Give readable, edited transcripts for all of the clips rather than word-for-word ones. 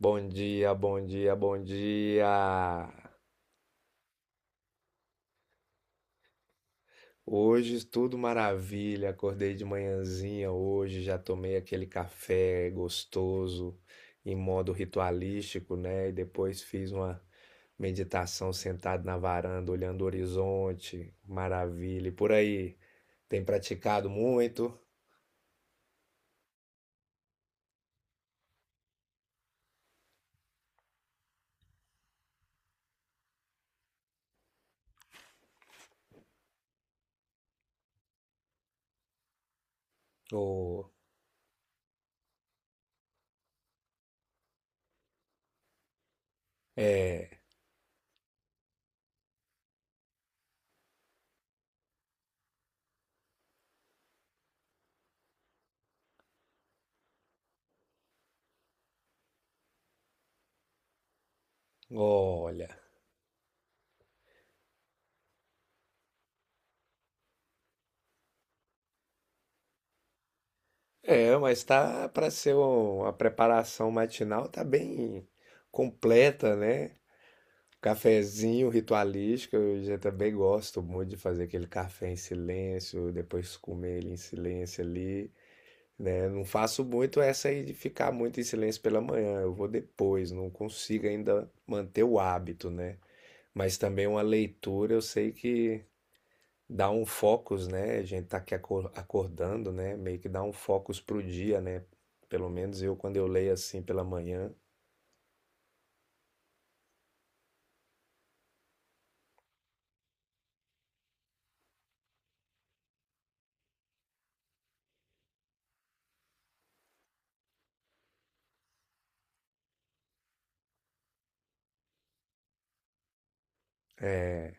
Bom dia, bom dia, bom dia. Hoje tudo maravilha. Acordei de manhãzinha hoje, já tomei aquele café gostoso em modo ritualístico, né? E depois fiz uma meditação sentado na varanda, olhando o horizonte. Maravilha. E por aí, tem praticado muito? Ou é, olha. É, mas tá para ser uma preparação matinal, tá bem completa, né? Cafezinho ritualístico, eu já também gosto muito de fazer aquele café em silêncio, depois comer ele em silêncio ali, né? Não faço muito essa aí de ficar muito em silêncio pela manhã, eu vou depois, não consigo ainda manter o hábito, né? Mas também uma leitura, eu sei que dá um focus, né? A gente tá aqui acordando, né? Meio que dá um focus pro dia, né? Pelo menos eu, quando eu leio assim pela manhã, é.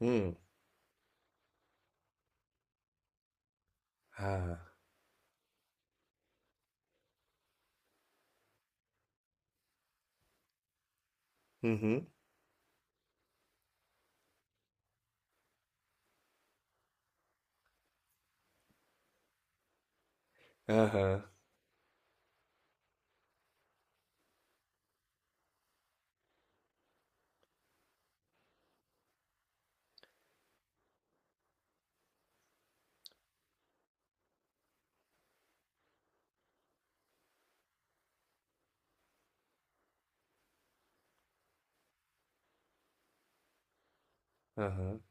Hum, ah, uhum, aham. Aham.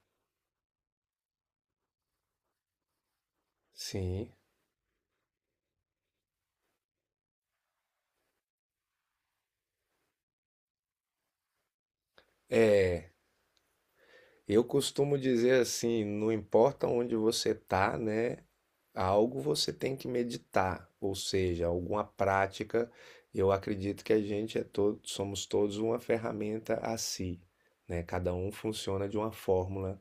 Sim. É. Eu costumo dizer assim, não importa onde você tá, né? Algo você tem que meditar, ou seja, alguma prática. Eu acredito que a gente é todo, somos todos uma ferramenta a si, né? Cada um funciona de uma fórmula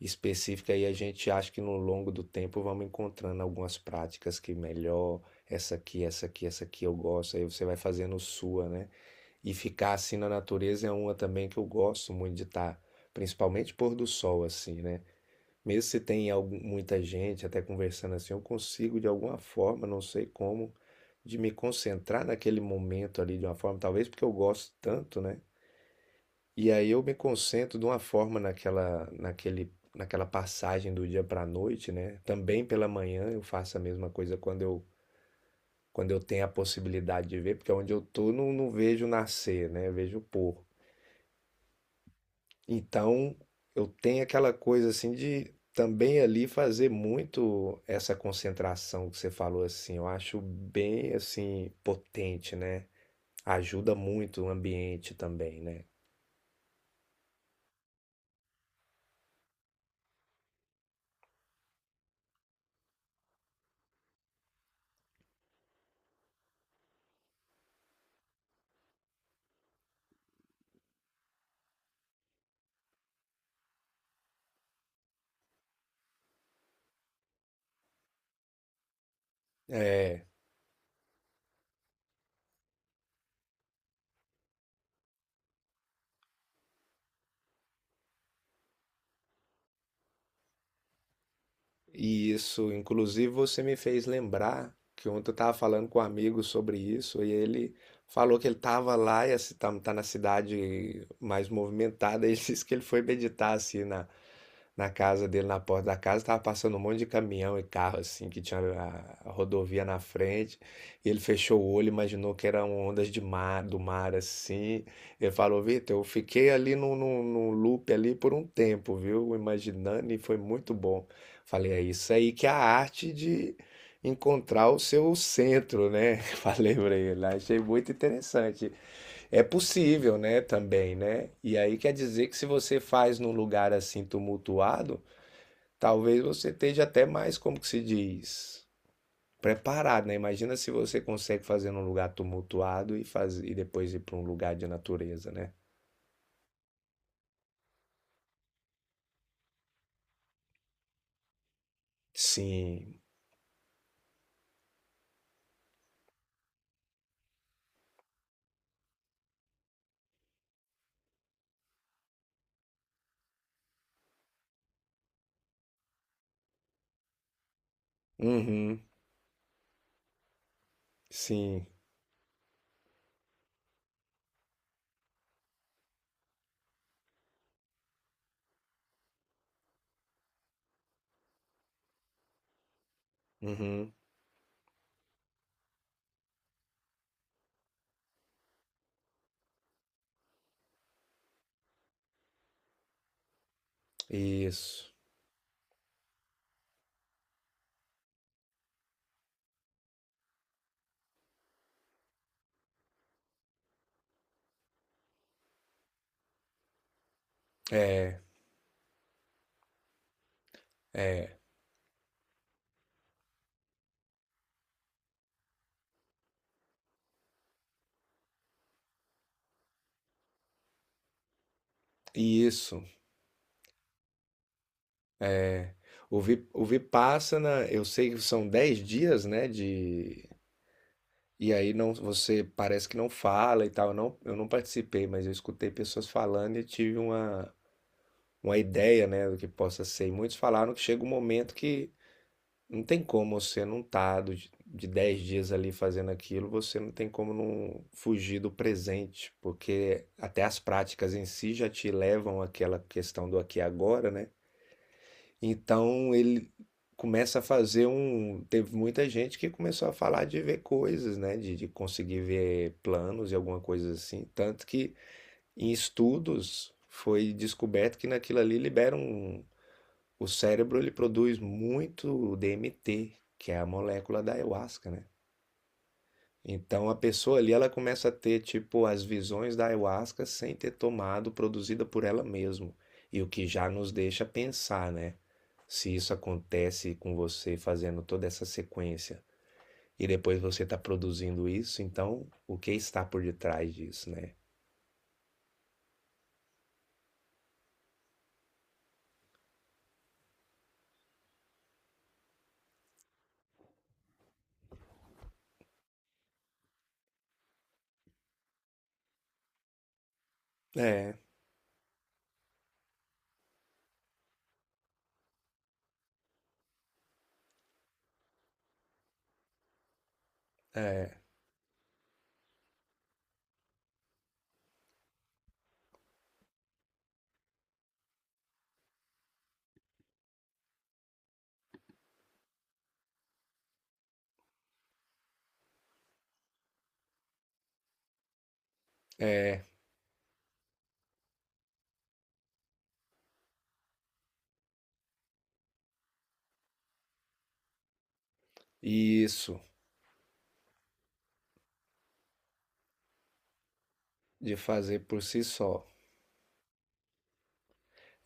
específica e a gente acha que no longo do tempo vamos encontrando algumas práticas que melhor, essa aqui, essa aqui, essa aqui eu gosto, aí você vai fazendo sua, né? E ficar assim na natureza é uma também que eu gosto muito de estar, principalmente pôr do sol assim, né? Mesmo se tem muita gente até conversando assim, eu consigo de alguma forma, não sei como, de me concentrar naquele momento ali de uma forma, talvez porque eu gosto tanto, né? E aí eu me concentro de uma forma naquela, naquele, naquela passagem do dia para a noite, né? Também pela manhã eu faço a mesma coisa quando eu tenho a possibilidade de ver, porque onde eu tô não vejo nascer, né? Eu vejo pôr. Então eu tenho aquela coisa assim de também ali fazer muito essa concentração que você falou assim. Eu acho bem assim potente, né? Ajuda muito o ambiente também, né? É, e isso, inclusive você me fez lembrar que ontem eu estava falando com um amigo sobre isso e ele falou que ele estava lá e está na cidade mais movimentada. E ele disse que ele foi meditar assim na casa dele, na porta da casa, tava passando um monte de caminhão e carro assim, que tinha a rodovia na frente. E ele fechou o olho, imaginou que eram ondas de mar, do mar assim. Ele falou: Vitor, eu fiquei ali num loop ali por um tempo, viu? Imaginando e foi muito bom. Falei: é isso aí que é a arte de encontrar o seu centro, né? Falei pra ele, achei muito interessante. É possível, né? Também, né? E aí quer dizer que se você faz num lugar assim tumultuado, talvez você esteja até mais, como que se diz, preparado, né? Imagina se você consegue fazer num lugar tumultuado e faz e depois ir para um lugar de natureza, né? Sim. Uhum. Sim. Uhum. Isso. É. Isso. É. O Vipassana, eu sei que são 10 dias, né? de, E aí não, você parece que não fala e tal. Eu não participei, mas eu escutei pessoas falando e tive uma ideia, né, do que possa ser. E muitos falaram que chega um momento que não tem como você não tá de 10 dias ali fazendo aquilo, você não tem como não fugir do presente, porque até as práticas em si já te levam àquela questão do aqui e agora, né? Então ele começa a fazer um. Teve muita gente que começou a falar de ver coisas, né? De conseguir ver planos e alguma coisa assim. Tanto que em estudos foi descoberto que naquilo ali libera um. O cérebro ele produz muito DMT, que é a molécula da ayahuasca, né? Então a pessoa ali ela começa a ter tipo as visões da ayahuasca sem ter tomado, produzida por ela mesma. E o que já nos deixa pensar, né? Se isso acontece com você fazendo toda essa sequência e depois você está produzindo isso, então o que está por detrás disso, né? É, é, é. E isso de fazer por si só.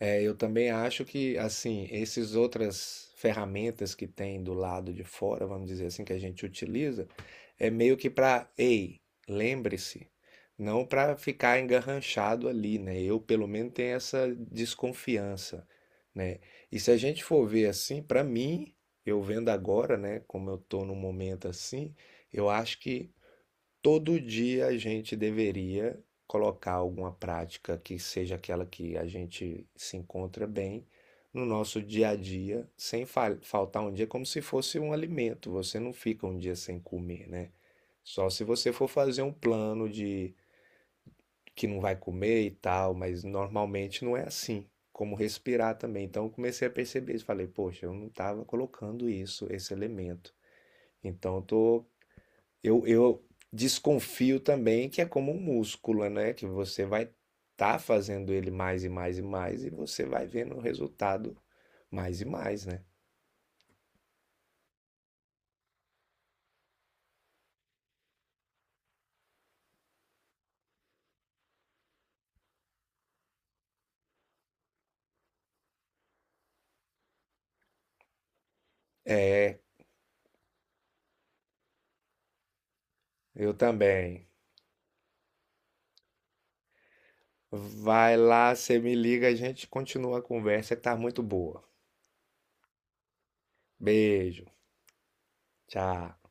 É, eu também acho que, assim, essas outras ferramentas que tem do lado de fora, vamos dizer assim, que a gente utiliza, é meio que para, ei, lembre-se, não para ficar engarranchado ali, né? Eu, pelo menos, tenho essa desconfiança, né? E se a gente for ver assim, para mim, eu vendo agora, né, como eu tô num momento assim, eu acho que todo dia a gente deveria colocar alguma prática que seja aquela que a gente se encontra bem no nosso dia a dia, sem faltar um dia, como se fosse um alimento. Você não fica um dia sem comer, né? Só se você for fazer um plano de que não vai comer e tal, mas normalmente não é assim. Como respirar também. Então eu comecei a perceber isso. Falei, poxa, eu não estava colocando isso, esse elemento. Então eu desconfio também que é como um músculo, né? Que você vai estar fazendo ele mais e mais e mais e você vai vendo o resultado mais e mais, né? É, eu também. Vai lá, você me liga, a gente continua a conversa que tá muito boa. Beijo, tchau.